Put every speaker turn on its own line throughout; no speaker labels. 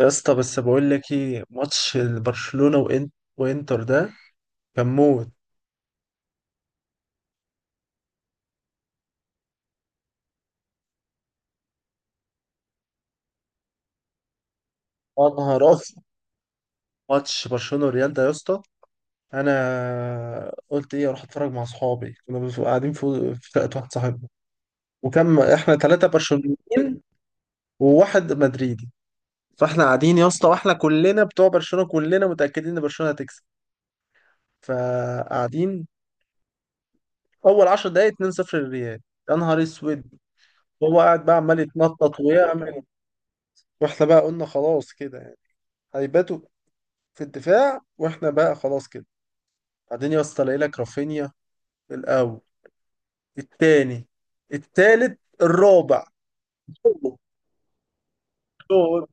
يا اسطى، بس بقول لك ايه ماتش برشلونة وانتر ده كان موت. يا نهار أبيض. ماتش برشلونة والريال ده يا اسطى، انا قلت ايه اروح اتفرج مع اصحابي، كنا قاعدين في شقه واحد صاحبنا، وكم احنا ثلاثه برشلونيين وواحد مدريدي. فاحنا قاعدين يا اسطى، واحنا كلنا بتوع برشلونة كلنا متأكدين ان برشلونة هتكسب فقاعدين. اول 10 دقايق 2-0 للريال. يا نهار اسود. هو قاعد بقى عمال يتنطط ويعمل، واحنا بقى قلنا خلاص كده يعني هيباتوا في الدفاع، واحنا بقى خلاص كده. بعدين يا اسطى الاقي لك رافينيا، الاول، التاني، التالت، الرابع، كله دول.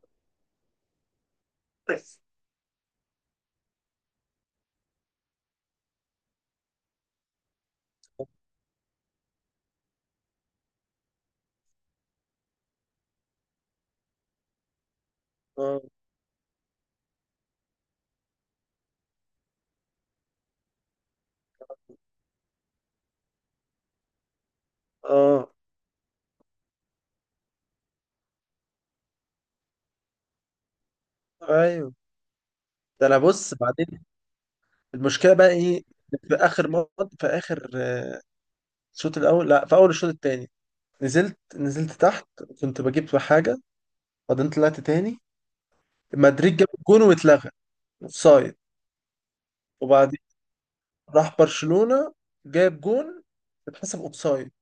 اه. اه. ايوه. ده انا بص بعدين. المشكله بقى ايه؟ في اخر مرة، في اخر الشوط الاول، لا في اول الشوط التاني، نزلت تحت كنت بجيب في حاجه، بعدين طلعت تاني. مدريد جاب جون واتلغى اوفسايد. وبعدين راح برشلونه جاب جون، اتحسب اوفسايد.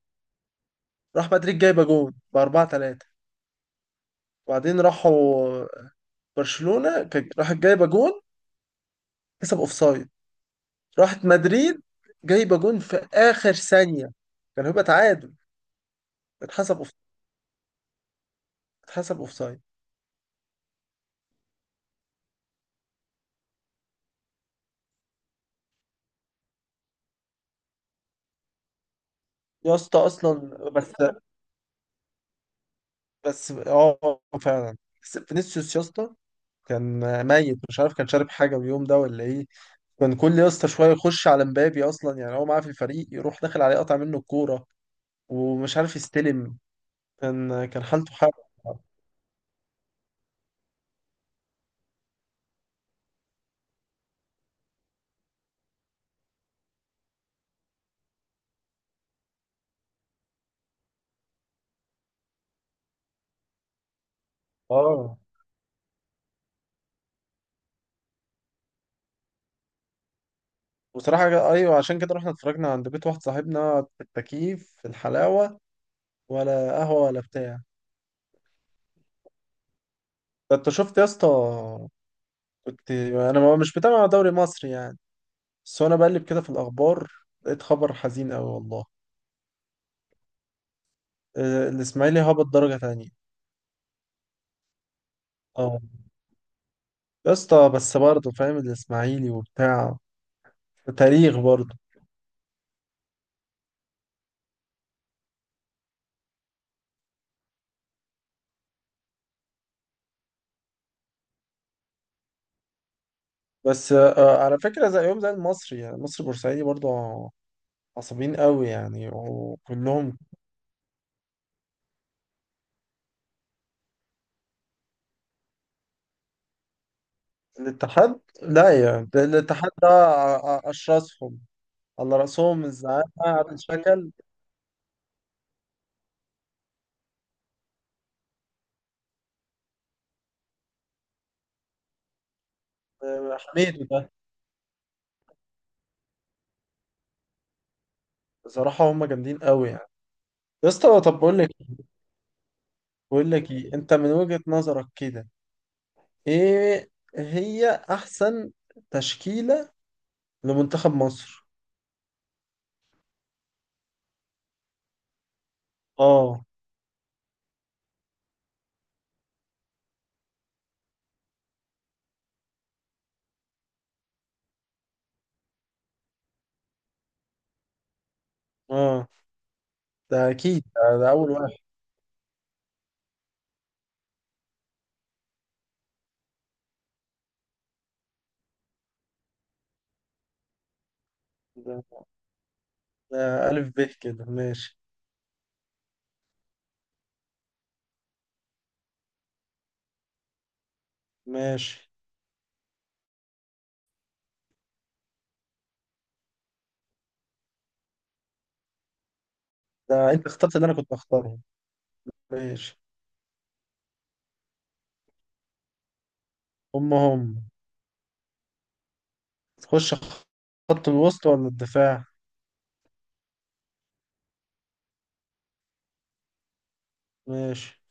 راح مدريد جايبه جون ب 4-3. وبعدين راحوا برشلونه راحت جايبه جون كسب اوفسايد. راحت مدريد جايبه جون في اخر ثانيه كان هيبقى تعادل، اتحسب اوف اتحسب اوفسايد. يا اسطى اصلا، بس بس اه فعلا. بس فينيسيوس يا اسطى كان ميت، مش عارف كان شارب حاجه اليوم ده ولا ايه. كان كل يا اسطى شويه يخش على مبابي، اصلا يعني هو معاه في الفريق يروح داخل عليه قطع منه الكوره، ومش عارف يستلم. كان حالته حاجه. اه. بصراحة أيوة عشان كده رحنا اتفرجنا عند بيت واحد صاحبنا في التكييف في الحلاوة، ولا قهوة ولا بتاع. ده أنت شفت يا اسطى، كنت أنا مش بتابع دوري مصري يعني، بس وأنا بقلب كده في الأخبار لقيت خبر حزين أوي والله. الإسماعيلي هبط درجة تانية. أه. يا اسطى بس برضه فاهم الإسماعيلي وبتاع، تاريخ برضه. بس على فكرة زي يوم زي المصري، يعني المصري بورسعيدي برضه عصبيين قوي يعني وكلهم. الاتحاد لا، يعني ده الاتحاد ده اشرسهم، على راسهم الزعامه عادل شكل. حميد ده. بصراحه هم جامدين قوي يعني. يا اسطى، طب بقول لك إيه؟ بقول لك ايه انت من وجهه نظرك كده، ايه هي احسن تشكيله لمنتخب مصر؟ اه. اه. ده اكيد، ده اول واحد. ده, ده الف ب كده ماشي. ماشي. ده انت اخترت اللي انا كنت اختاره. ماشي. هم هم. تخش خط الوسط ولا الدفاع؟ ماشي.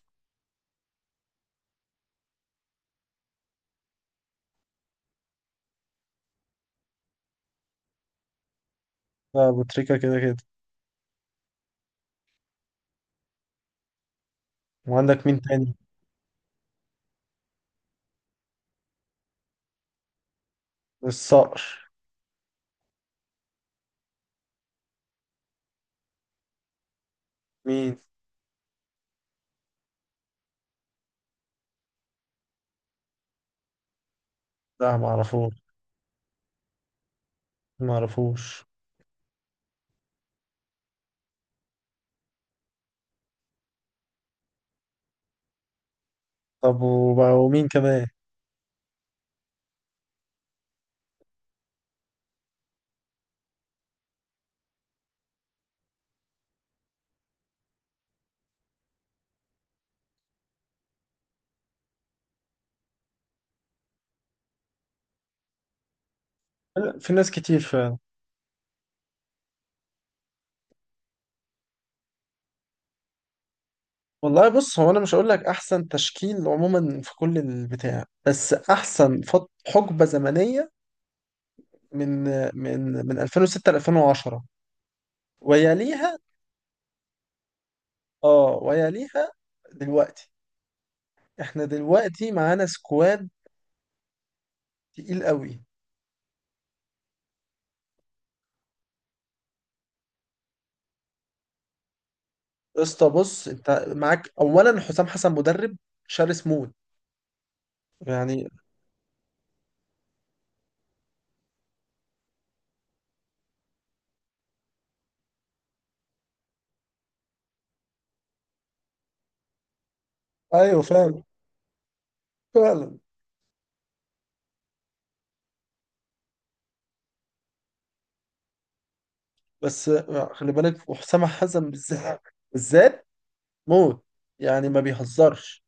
لا، أبو تريكة كده كده. وعندك مين تاني؟ الصقر. مين؟ لا معرفوش. معرفوش. طب وبقى ومين كمان؟ لا، في ناس كتير فعلا. والله بص، هو انا مش هقول لك احسن تشكيل عموما في كل البتاع، بس احسن حقبة زمنية من من 2006 ل 2010. ويليها اه ويليها دلوقتي. احنا دلوقتي معانا سكواد تقيل قوي. يا اسطى بص، انت معاك اولا حسام حسن، مدرب شرس موت يعني. ايوه فعلا. فعلا. بس خلي بالك، وحسام حسن بالذات، بالذات موت، يعني ما بيهزرش.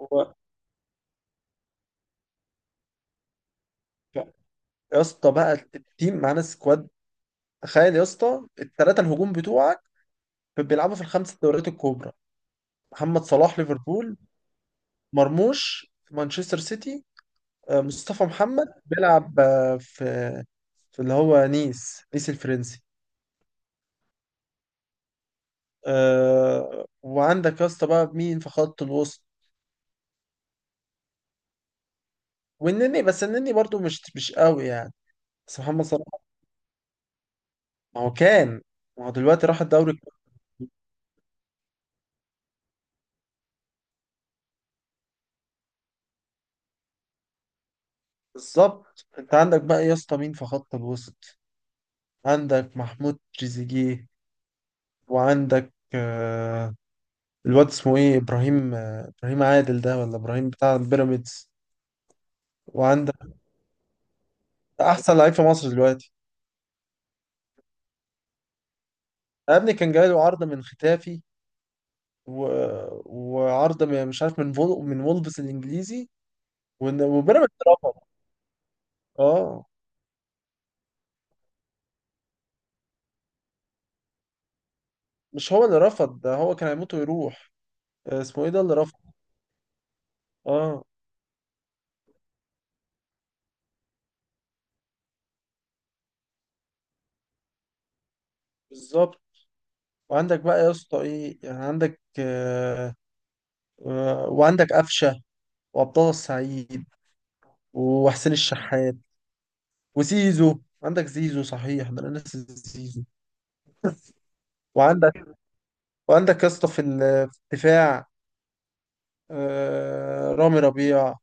هو يا اسطى بقى التيم معانا سكواد. تخيل يا اسطى الثلاثه الهجوم بتوعك بيلعبوا في الخمس دوريات الكبرى. محمد صلاح ليفربول، مرموش في مانشستر سيتي، مصطفى محمد بيلعب في اللي هو نيس، نيس الفرنسي. وعندك يا اسطى بقى مين في خط الوسط؟ والنني، بس النني برضو مش قوي يعني. بس محمد صلاح، ما هو كان ما هو دلوقتي راح الدوري الكوري. بالظبط. انت عندك بقى يا اسطى مين في خط الوسط؟ عندك محمود تريزيجيه، وعندك آه، الواد اسمه ايه، ابراهيم ابراهيم عادل ده ولا ابراهيم بتاع بيراميدز. وعندك احسن لعيب في مصر دلوقتي. يا ابني كان جاي له عرض من ختافي و... وعرض مش عارف من من وولفز الانجليزي، وبيراميدز رفض. اه. مش هو اللي رفض، ده هو كان هيموت ويروح. اسمه ايه ده اللي رفض. اه. بالظبط. وعندك بقى يا اسطى ايه، يعني عندك آه، وعندك قفشه وعبد السعيد وحسين الشحات وزيزو. عندك زيزو صحيح، ده انا ناسي زيزو. وعندك وعندك يا اسطى في في الدفاع آه رامي ربيع،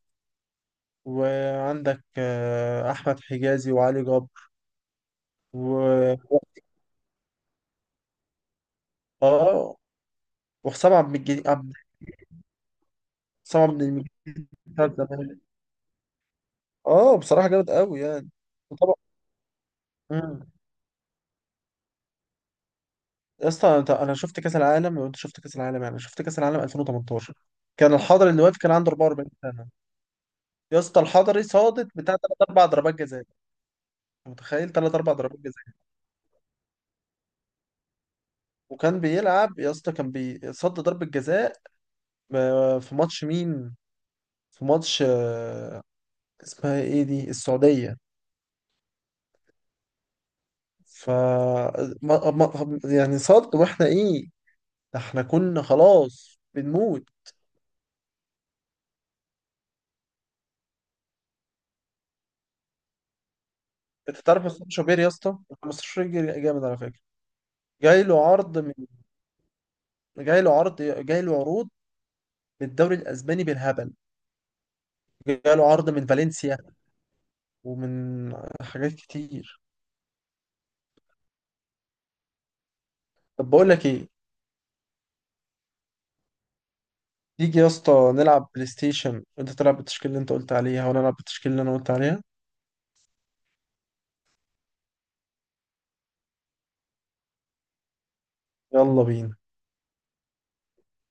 وعندك آه احمد حجازي وعلي جبر. و اه وحسام عبد المجيد حسام عبد المجيد بتاع زمان. اه. بصراحه جامد قوي يعني. وطبعا. مم. يا اسطى انت، انا شفت كاس العالم وانت شفت كاس العالم، يعني شفت كاس العالم 2018 كان الحضري اللي واقف كان عنده 44 سنه. يا اسطى الحضري صادت بتاع ثلاث اربع ضربات جزاء. أنت متخيل ثلاث اربع ضربات جزاء. وكان بيلعب يا اسطى، كان بيصد ضربه جزاء في ماتش مين، في ماتش اسمها ايه دي، السعوديه. ف ما... ما... يعني صد، واحنا ايه، ده احنا كنا خلاص بنموت. انت تعرف اسلام شوبير يا اسطى؟ مصطفى شوبير جامد على فكره. جاي له عرض من جاي له عروض من الدوري الاسباني بالهبل. جاي له عرض من فالنسيا ومن حاجات كتير. طب بقول لك ايه، تيجي يا اسطى نلعب بلاي ستيشن، وانت تلعب بالتشكيله اللي انت قلت عليها وانا العب بالتشكيله اللي انا قلت عليها. يلا بينا